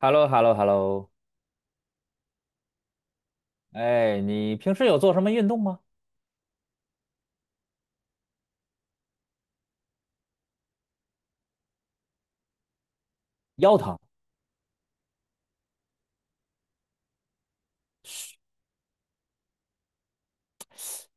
h e l l o h e l l o h e l l o 哎，你平时有做什么运动吗？腰疼，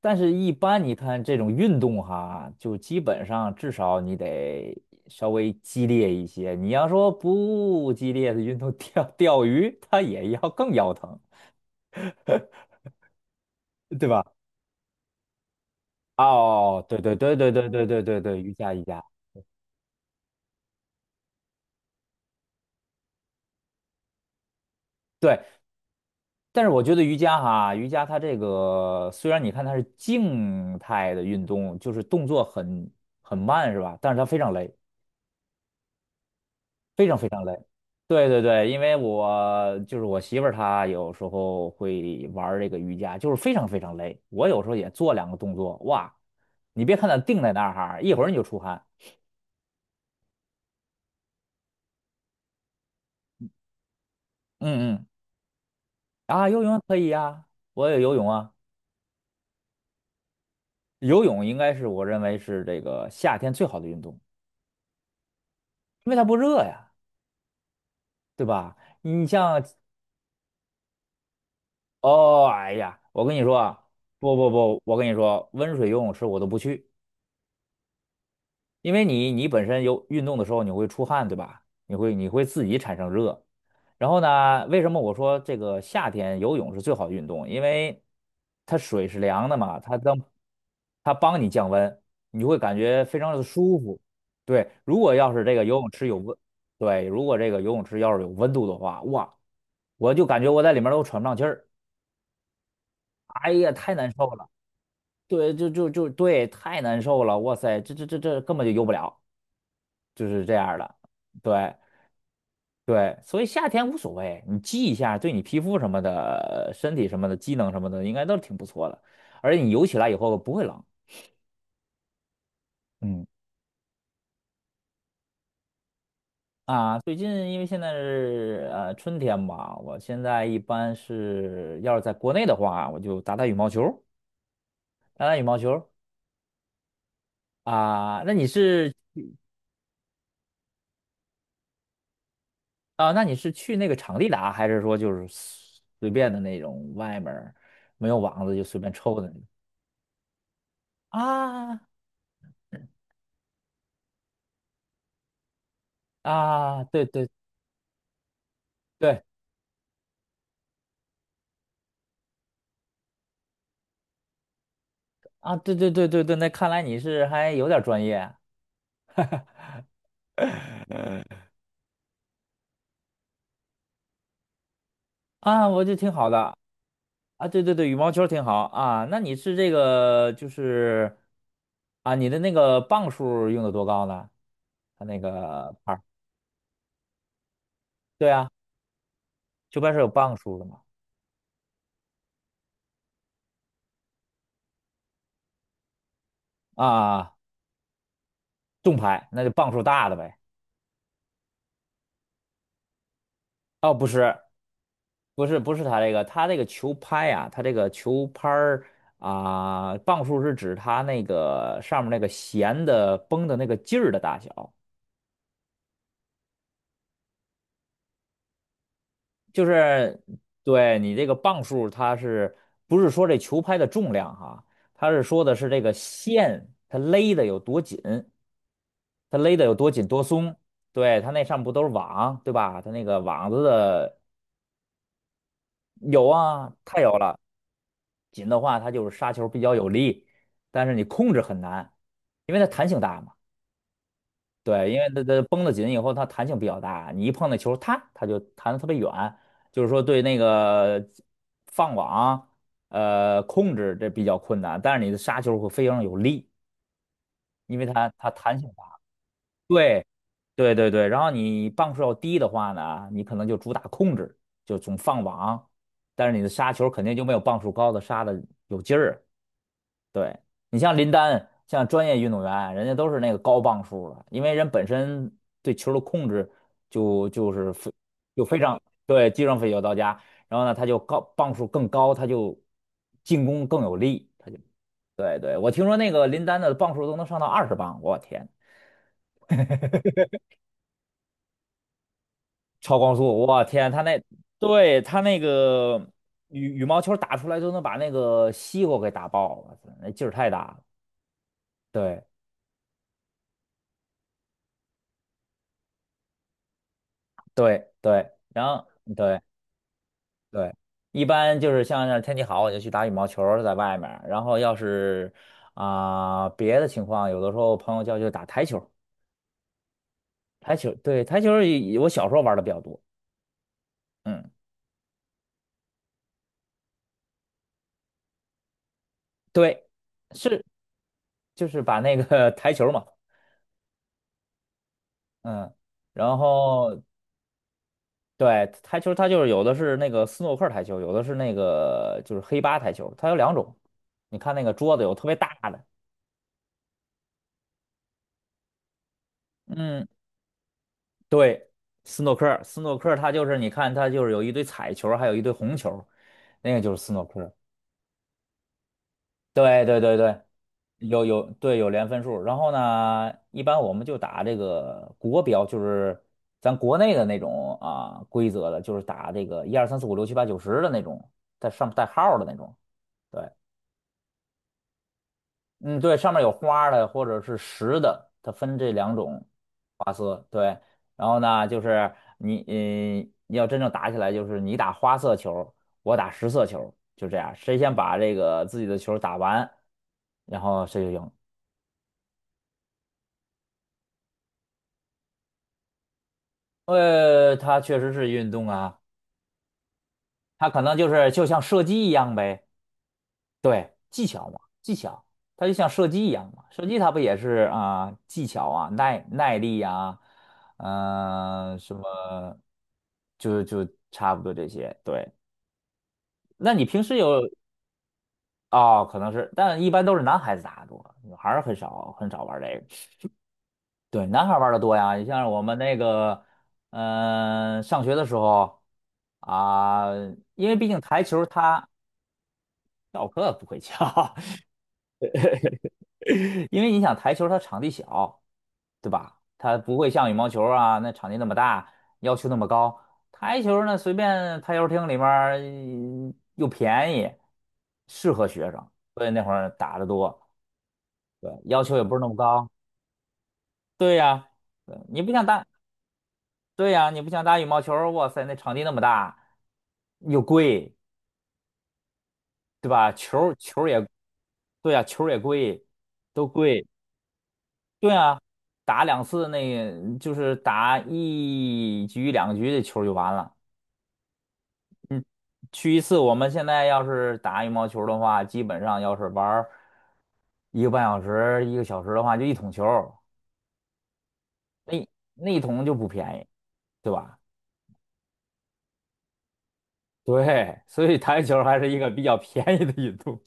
但是一般你看这种运动哈，就基本上至少你得稍微激烈一些。你要说不激烈的运动 钓钓鱼，它也要更腰疼，对吧？哦，对对对对对对对对对，瑜伽瑜伽，对。但是我觉得瑜伽哈，瑜伽它这个虽然你看它是静态的运动，就是动作很慢是吧？但是它非常累。非常非常累。对对对，因为我就是我媳妇儿，她有时候会玩儿这个瑜伽，就是非常非常累。我有时候也做两个动作，哇，你别看她定在那儿哈，一会儿你就出汗。嗯嗯，啊，游泳可以呀，我也游泳啊。游泳应该是我认为是这个夏天最好的运动，因为它不热呀，对吧？你像，哦，哎呀，我跟你说啊，不不不，我跟你说，温水游泳池我都不去。因为你本身有运动的时候你会出汗，对吧？你会自己产生热。然后呢，为什么我说这个夏天游泳是最好的运动？因为它水是凉的嘛，它当它帮你降温，你会感觉非常的舒服。对，如果要是这个游泳池有温，对，如果这个游泳池要是有温度的话，哇，我就感觉我在里面都喘不上气儿，哎呀，太难受了。对，就对，太难受了，哇塞，这根本就游不了。就是这样的。对对，所以夏天无所谓，你积一下，对你皮肤什么的、身体什么的、机能什么的，应该都挺不错的。而且你游起来以后不会冷嗯啊。最近因为现在是春天嘛，我现在一般是要是在国内的话，我就打打羽毛球，打打羽毛球啊。那你是啊？那你是去那个场地打，还是说就是随便的那种外面儿没有网子就随便抽的那种？啊啊，对对对啊，对对对对对，那看来你是还有点专业啊，我就挺好的啊，对对对，羽毛球挺好啊，那你是这个就是啊，你的那个磅数用的多高呢？它那个拍儿，对啊，球拍是有磅数的嘛？啊，重拍那就磅数大的呗。哦，不是，不是，不是它这个，它这个球拍啊，它这个球拍儿啊，磅数是指它那个上面那个弦的绷的那个劲儿的大小。就是对你这个磅数，它是不是说这球拍的重量哈？它是说的是这个线它勒的有多紧，它勒的有多紧多松。对，它那上面不都是网，对吧？它那个网子的有啊，太有了，紧的话它就是杀球比较有力，但是你控制很难，因为它弹性大嘛。对，因为它绷得紧以后，它弹性比较大，你一碰那球，它就弹得特别远，就是说对那个放网，控制这比较困难，但是你的杀球会非常有力，因为它弹性大。对对对对，然后你磅数要低的话呢，你可能就主打控制，就总放网，但是你的杀球肯定就没有磅数高的杀的有劲儿。对，你像林丹，像专业运动员，人家都是那个高磅数的，因为人本身对球的控制就就是非就非常对技术上非常到家，然后呢，他就高磅数更高，他就进攻更有力，他就对对，我听说那个林丹的磅数都能上到20磅，我天，超光速，我天，他那对他那个羽毛球打出来都能把那个西瓜给打爆了，那劲儿太大了，对对对，然后对。对，一般就是像是天气好，我就去打羽毛球儿在外面儿然后要是啊、别的情况，有的时候朋友叫就打台球儿台球对台球儿也我小时候玩的比较多。嗯，对，是就是把那个 台球儿嘛，嗯，然后对台球，它就是有的是那个斯诺克台球，有的是那个就是黑八台球，它有两种。你看那个桌子有特别大的。嗯。对，斯诺克，斯诺克，它就是你看，它就是有一堆彩球儿还有一堆红球儿那个就是斯诺克。对对对对，有有对有连分数儿然后呢，一般我们就打这个国标，就是咱国内的那种啊规则的，就是打这个1、2、3、4、5、6、7、8、9、10的那种，带上带号儿的那种。对，嗯，对，上面有花的或者是实的，它分这两种花色。对，然后呢，就是你，嗯，要真正打起来，就是你打花色球，我打实色球，就这样，谁先把这个自己的球打完，然后谁就赢。它确实是运动啊，它可能就是就像射击一样呗。对，技巧嘛，技巧，它就像射击一样嘛，射击它不也是啊、技巧啊，耐力呀、嗯、什么，就差不多这些。对，那你平时有哦，可能是，但一般都是男孩子打的多，女孩儿很少很少玩这个。对，男孩儿玩的多呀，你像我们那个，嗯、上学的时候啊、因为毕竟台球它教课不会教，因为你想台球它场地小。对吧？它不会像羽毛球啊，那场地那么大，要求那么高。台球呢，随便台球厅里面儿嗯又便宜，适合学生，所以那会儿打得多，对，要求也不是那么高。对呀，对，你不像打，对呀，你不像打羽毛球儿哇塞，那场地那么大，又贵，对吧？球儿也，对呀，球儿也贵，都贵，对啊，打两次那就是打一局两局的球儿就完了。嗯，去一次，我们现在要是打羽毛球的话，基本上要是玩儿1个半小时、1个小时的话，就一桶球儿，那那一桶就不便宜，对吧？对，所以台球还是一个比较便宜的运动，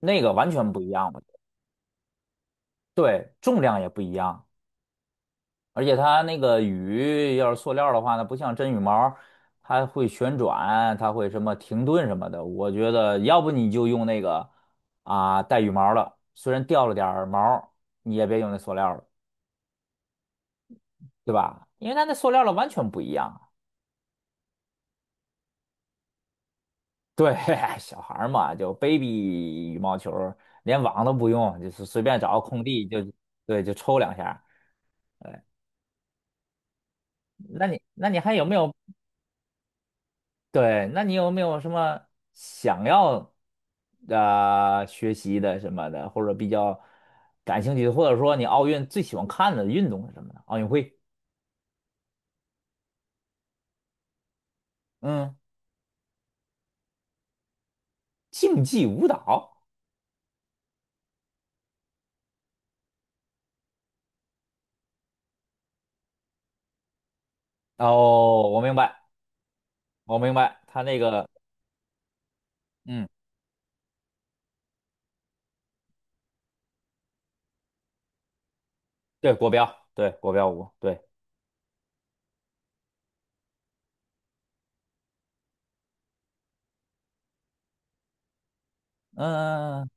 那个完全不一样，嘛，对，重量也不一样。而且它那个羽，要是塑料的话呢，不像真羽毛，它会旋转，它会什么停顿什么的。我觉得要不你就用那个啊带羽毛的，虽然掉了点儿毛，你也别用那塑料的，对吧？因为它那塑料的完全不一样啊对，小孩儿嘛，就 baby 羽毛球儿，连网都不用，就是随便找个空地就对就抽两下儿。对，那你那你还有没有对，那你有没有什么想要学习的什么的，或者比较感兴趣的，或者说你奥运最喜欢看的运动是什么呢？奥运会，嗯，竞技舞蹈。哦，我明白，我明白，他那个，嗯，对，国标，对，国标舞，对，嗯，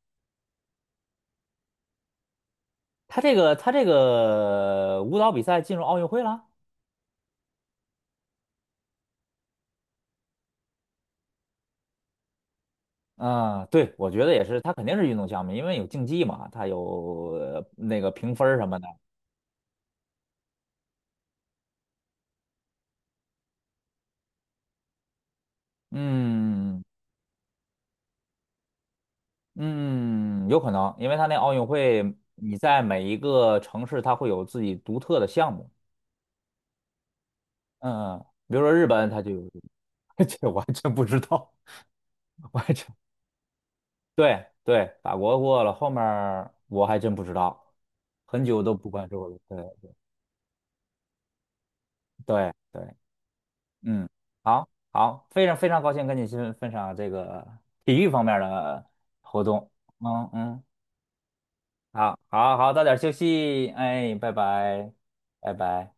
他这个舞蹈比赛进入奥运会了。嗯，对，我觉得也是，它肯定是运动项目，因为有竞技嘛，它有那个评分儿什么的。嗯，嗯，有可能，因为他那奥运会，你在每一个城市，它会有自己独特的项目。嗯嗯，比如说日本，它就有，这我还真不知道，我还真对对，法国过了，后面儿我还真不知道，很久都不关注了。对对对，嗯，好好，非常非常高兴跟你分享这个体育方面的活动。嗯嗯，好好好，早点休息，哎，拜拜，拜拜。